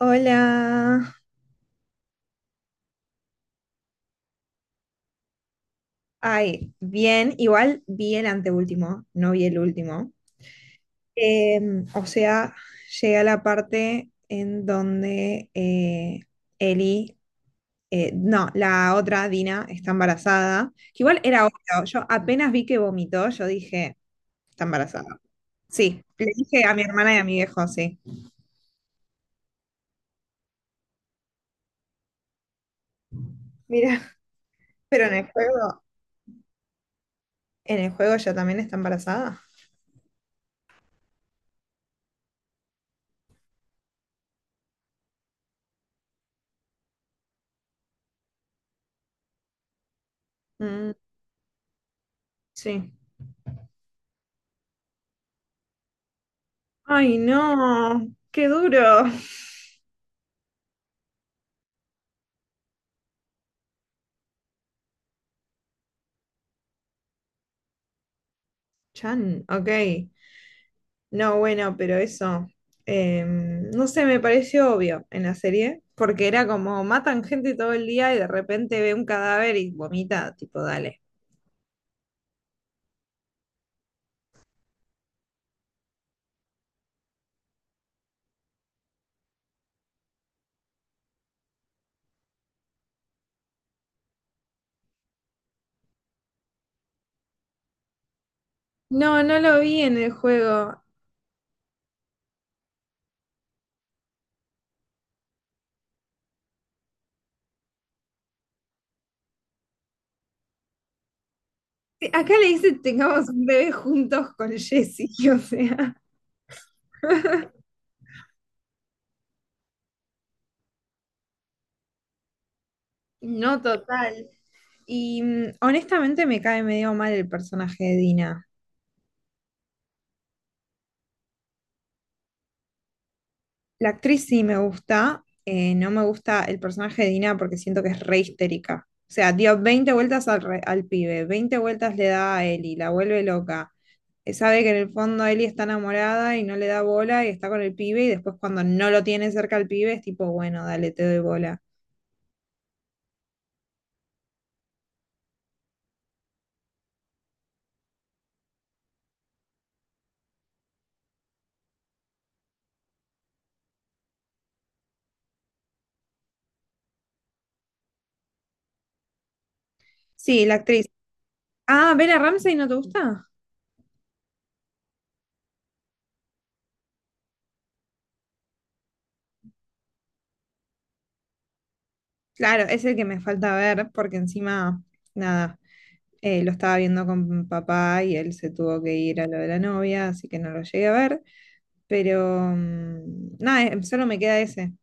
Hola. Ay, bien, igual vi el anteúltimo, no vi el último. O sea, llega la parte en donde Eli, no, la otra Dina está embarazada, que igual era obvio, yo apenas vi que vomitó, yo dije, está embarazada. Sí, le dije a mi hermana y a mi viejo, sí. Mira, pero en el juego ella también está embarazada. Mm, sí. Ay, no, qué duro. Chan, ok. No, bueno, pero eso, no sé, me pareció obvio en la serie, porque era como matan gente todo el día y de repente ve un cadáver y vomita, tipo, dale. No, no lo vi en el juego. Acá le dice tengamos un bebé juntos con Jesse, o sea, no total. Y honestamente me cae medio mal el personaje de Dina. La actriz sí me gusta, no me gusta el personaje de Dina porque siento que es re histérica. O sea, dio 20 vueltas al pibe, 20 vueltas le da a Eli, la vuelve loca. Sabe que en el fondo Eli está enamorada y no le da bola y está con el pibe y después cuando no lo tiene cerca al pibe es tipo, bueno, dale, te doy bola. Sí, la actriz. Ah, Bella Ramsey, ¿no te gusta? Claro, es el que me falta ver porque encima, nada, lo estaba viendo con papá y él se tuvo que ir a lo de la novia, así que no lo llegué a ver. Pero nada, solo me queda ese.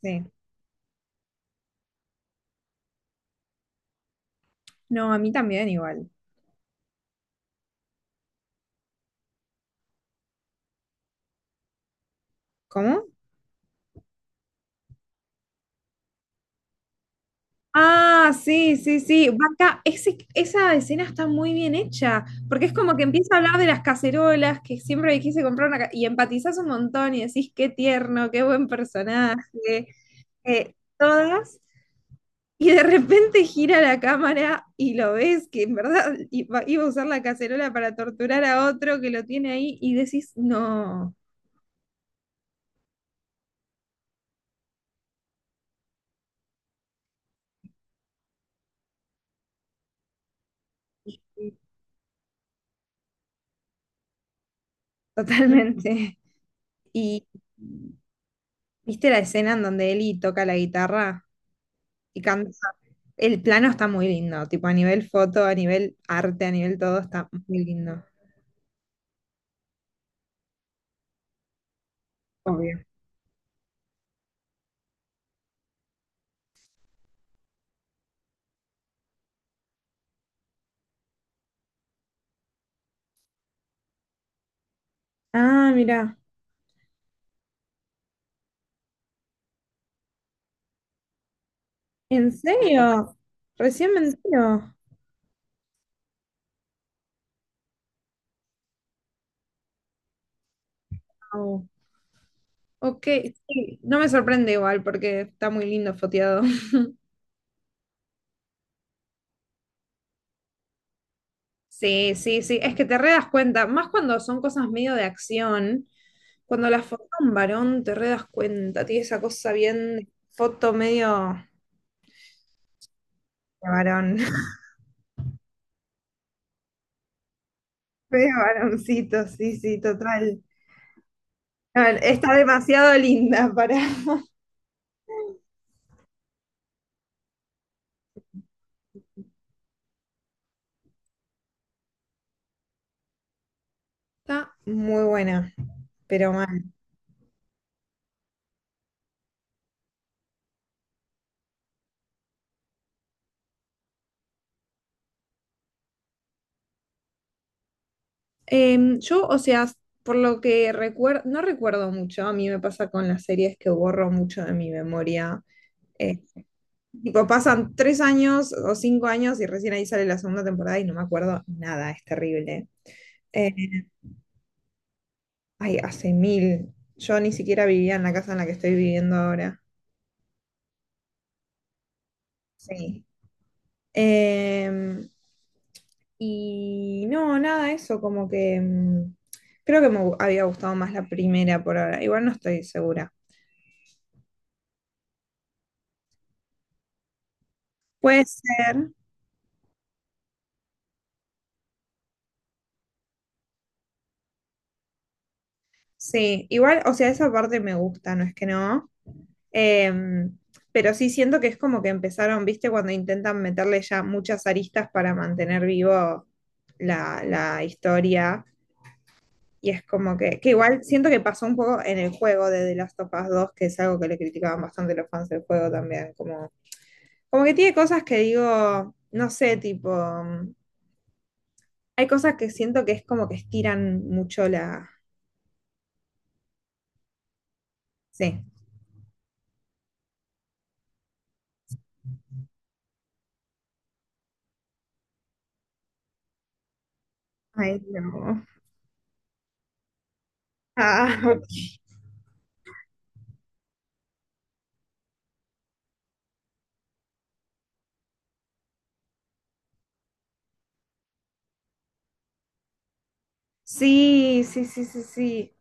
Sí. No, a mí también igual. ¿Cómo? Ah, sí, sí, sí. Vaca, esa escena está muy bien hecha, porque es como que empieza a hablar de las cacerolas, que siempre me quise comprar una, y empatizás un montón y decís, qué tierno, qué buen personaje, todas, y de repente gira la cámara y lo ves que en verdad iba, iba a usar la cacerola para torturar a otro que lo tiene ahí y decís, no. Totalmente. Y viste la escena en donde Eli toca la guitarra y canta. El plano está muy lindo, tipo a nivel foto, a nivel arte, a nivel todo está muy lindo. Obvio. Ah, mira. ¿En serio? Recién me entero. Wow. Ok, sí, no me sorprende igual porque está muy lindo foteado. Sí, sí, sí, es que te re das cuenta, más cuando son cosas medio de acción, cuando las foto un varón te re das cuenta, tiene esa cosa bien de foto medio de varón, medio varoncito, sí, sí, total. A ver, está demasiado linda para. Está muy buena, pero mal. Yo, o sea, por lo que recuerdo, no recuerdo mucho, a mí me pasa con las series que borro mucho de mi memoria. eh, Tipo, pasan 3 años o 5 años y recién ahí sale la segunda temporada y no me acuerdo nada, es terrible. Eh, ay, hace mil. Yo ni siquiera vivía en la casa en la que estoy viviendo ahora. Sí. Em, y no, nada, eso, como que creo que había gustado más la primera por ahora. Igual no estoy segura. Puede ser, sí. Igual, o sea, esa parte me gusta, no es que no. Eh, pero sí siento que es como que empezaron, viste, cuando intentan meterle ya muchas aristas para mantener vivo la historia. Y es como que igual siento que pasó un poco en el juego de The Last of Us 2 que es algo que le criticaban bastante los fans del juego también. Como que tiene cosas que digo, no sé, tipo, hay cosas que siento que es como que estiran mucho la. Sí. Ay, no. Ah, ok. Sí, sí, sí, sí, sí.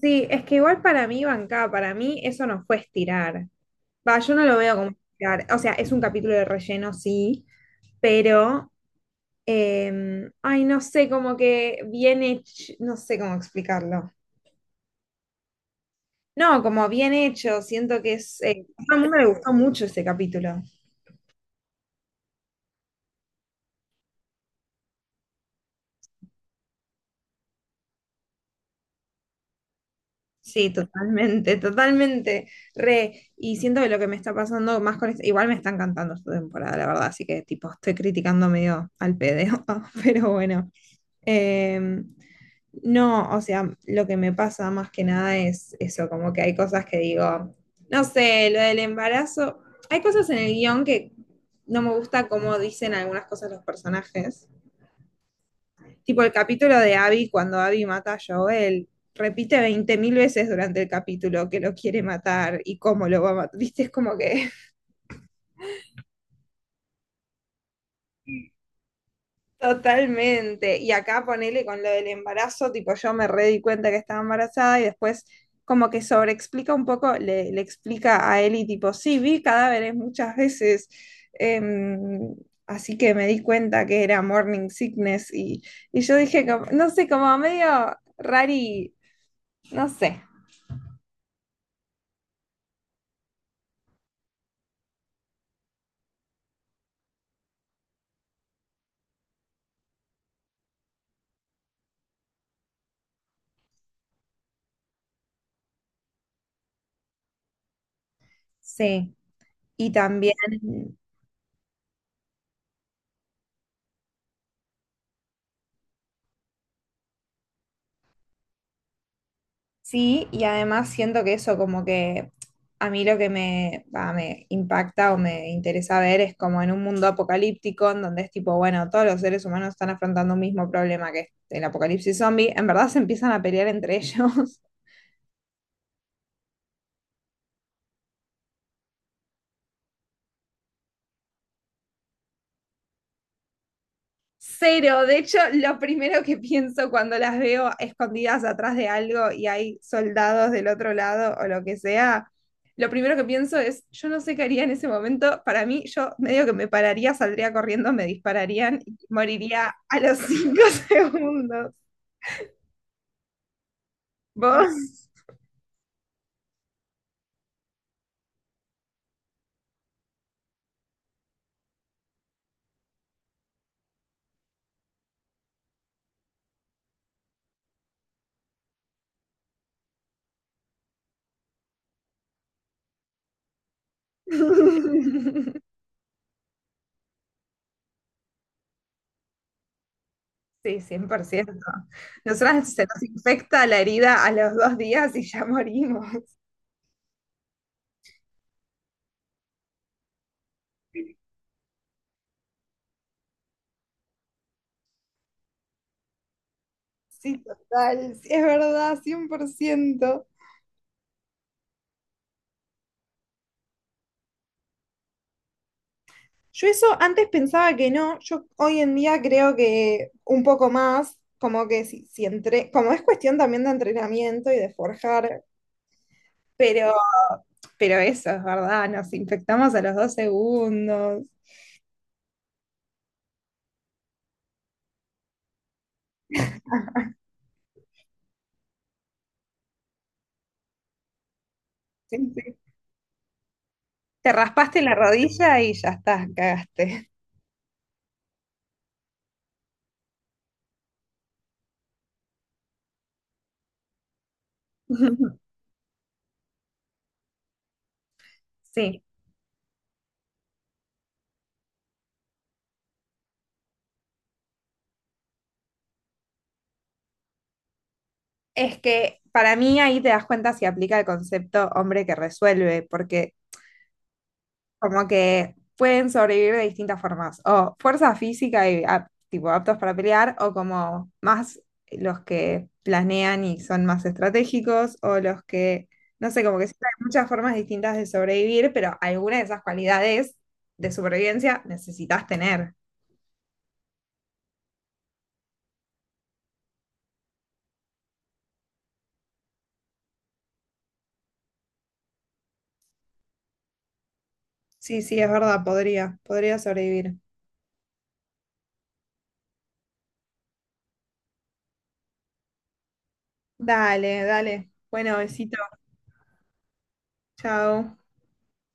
Sí, es que igual para mí, Banca, para mí eso no fue estirar. Va, yo no lo veo como estirar. O sea, es un capítulo de relleno, sí, pero, ay, no sé, como que bien hecho, no sé cómo explicarlo. No, como bien hecho, siento que es a todo el mundo le gustó mucho ese capítulo. Sí, totalmente, totalmente, re. Y siento que lo que me está pasando más con esto, igual me está encantando esta temporada, la verdad, así que tipo, estoy criticando medio al pedo, pero bueno. Em, No, o sea, lo que me pasa más que nada es eso, como que hay cosas que digo, no sé, lo del embarazo, hay cosas en el guión que no me gusta cómo dicen algunas cosas los personajes, tipo el capítulo de Abby cuando Abby mata a Joel, repite 20.000 veces durante el capítulo que lo quiere matar y cómo lo va a matar, viste, es como que totalmente. Y acá ponele con lo del embarazo, tipo yo me re di cuenta que estaba embarazada y después como que sobreexplica un poco, le explica a Eli tipo, sí, vi cadáveres muchas veces, em, así que me di cuenta que era morning sickness y yo dije, no sé, como medio rari, no sé. Sí. Y también, sí, y además siento que eso como que a mí lo que me, va, me impacta o me interesa ver es como en un mundo apocalíptico en donde es tipo, bueno, todos los seres humanos están afrontando un mismo problema que es el apocalipsis zombie, en verdad se empiezan a pelear entre ellos. Cero, de hecho, lo primero que pienso cuando las veo escondidas atrás de algo y hay soldados del otro lado o lo que sea, lo primero que pienso es, yo no sé qué haría en ese momento, para mí yo medio que me pararía, saldría corriendo, me dispararían y moriría a los 5 segundos. ¿Vos? Sí, 100%. Nosotras se nos infecta la herida a los 2 días y ya morimos. Sí, total, sí, es verdad, 100%. Yo eso antes pensaba que no, yo hoy en día creo que un poco más, como que si, si entre, como es cuestión también de entrenamiento y de forjar, pero, pero eso es verdad, nos infectamos a los 2 segundos. Sí, sí. Te raspaste la rodilla y ya está, cagaste. Sí, es que para mí ahí te das cuenta si aplica el concepto hombre que resuelve, porque como que pueden sobrevivir de distintas formas, o fuerza física y ap- tipo aptos para pelear, o como más los que planean y son más estratégicos, o los que, no sé, como que siempre hay muchas formas distintas de sobrevivir, pero alguna de esas cualidades de supervivencia necesitas tener. Sí, sí, es verdad, podría, podría sobrevivir. Dale, dale. Bueno, besito. Chao.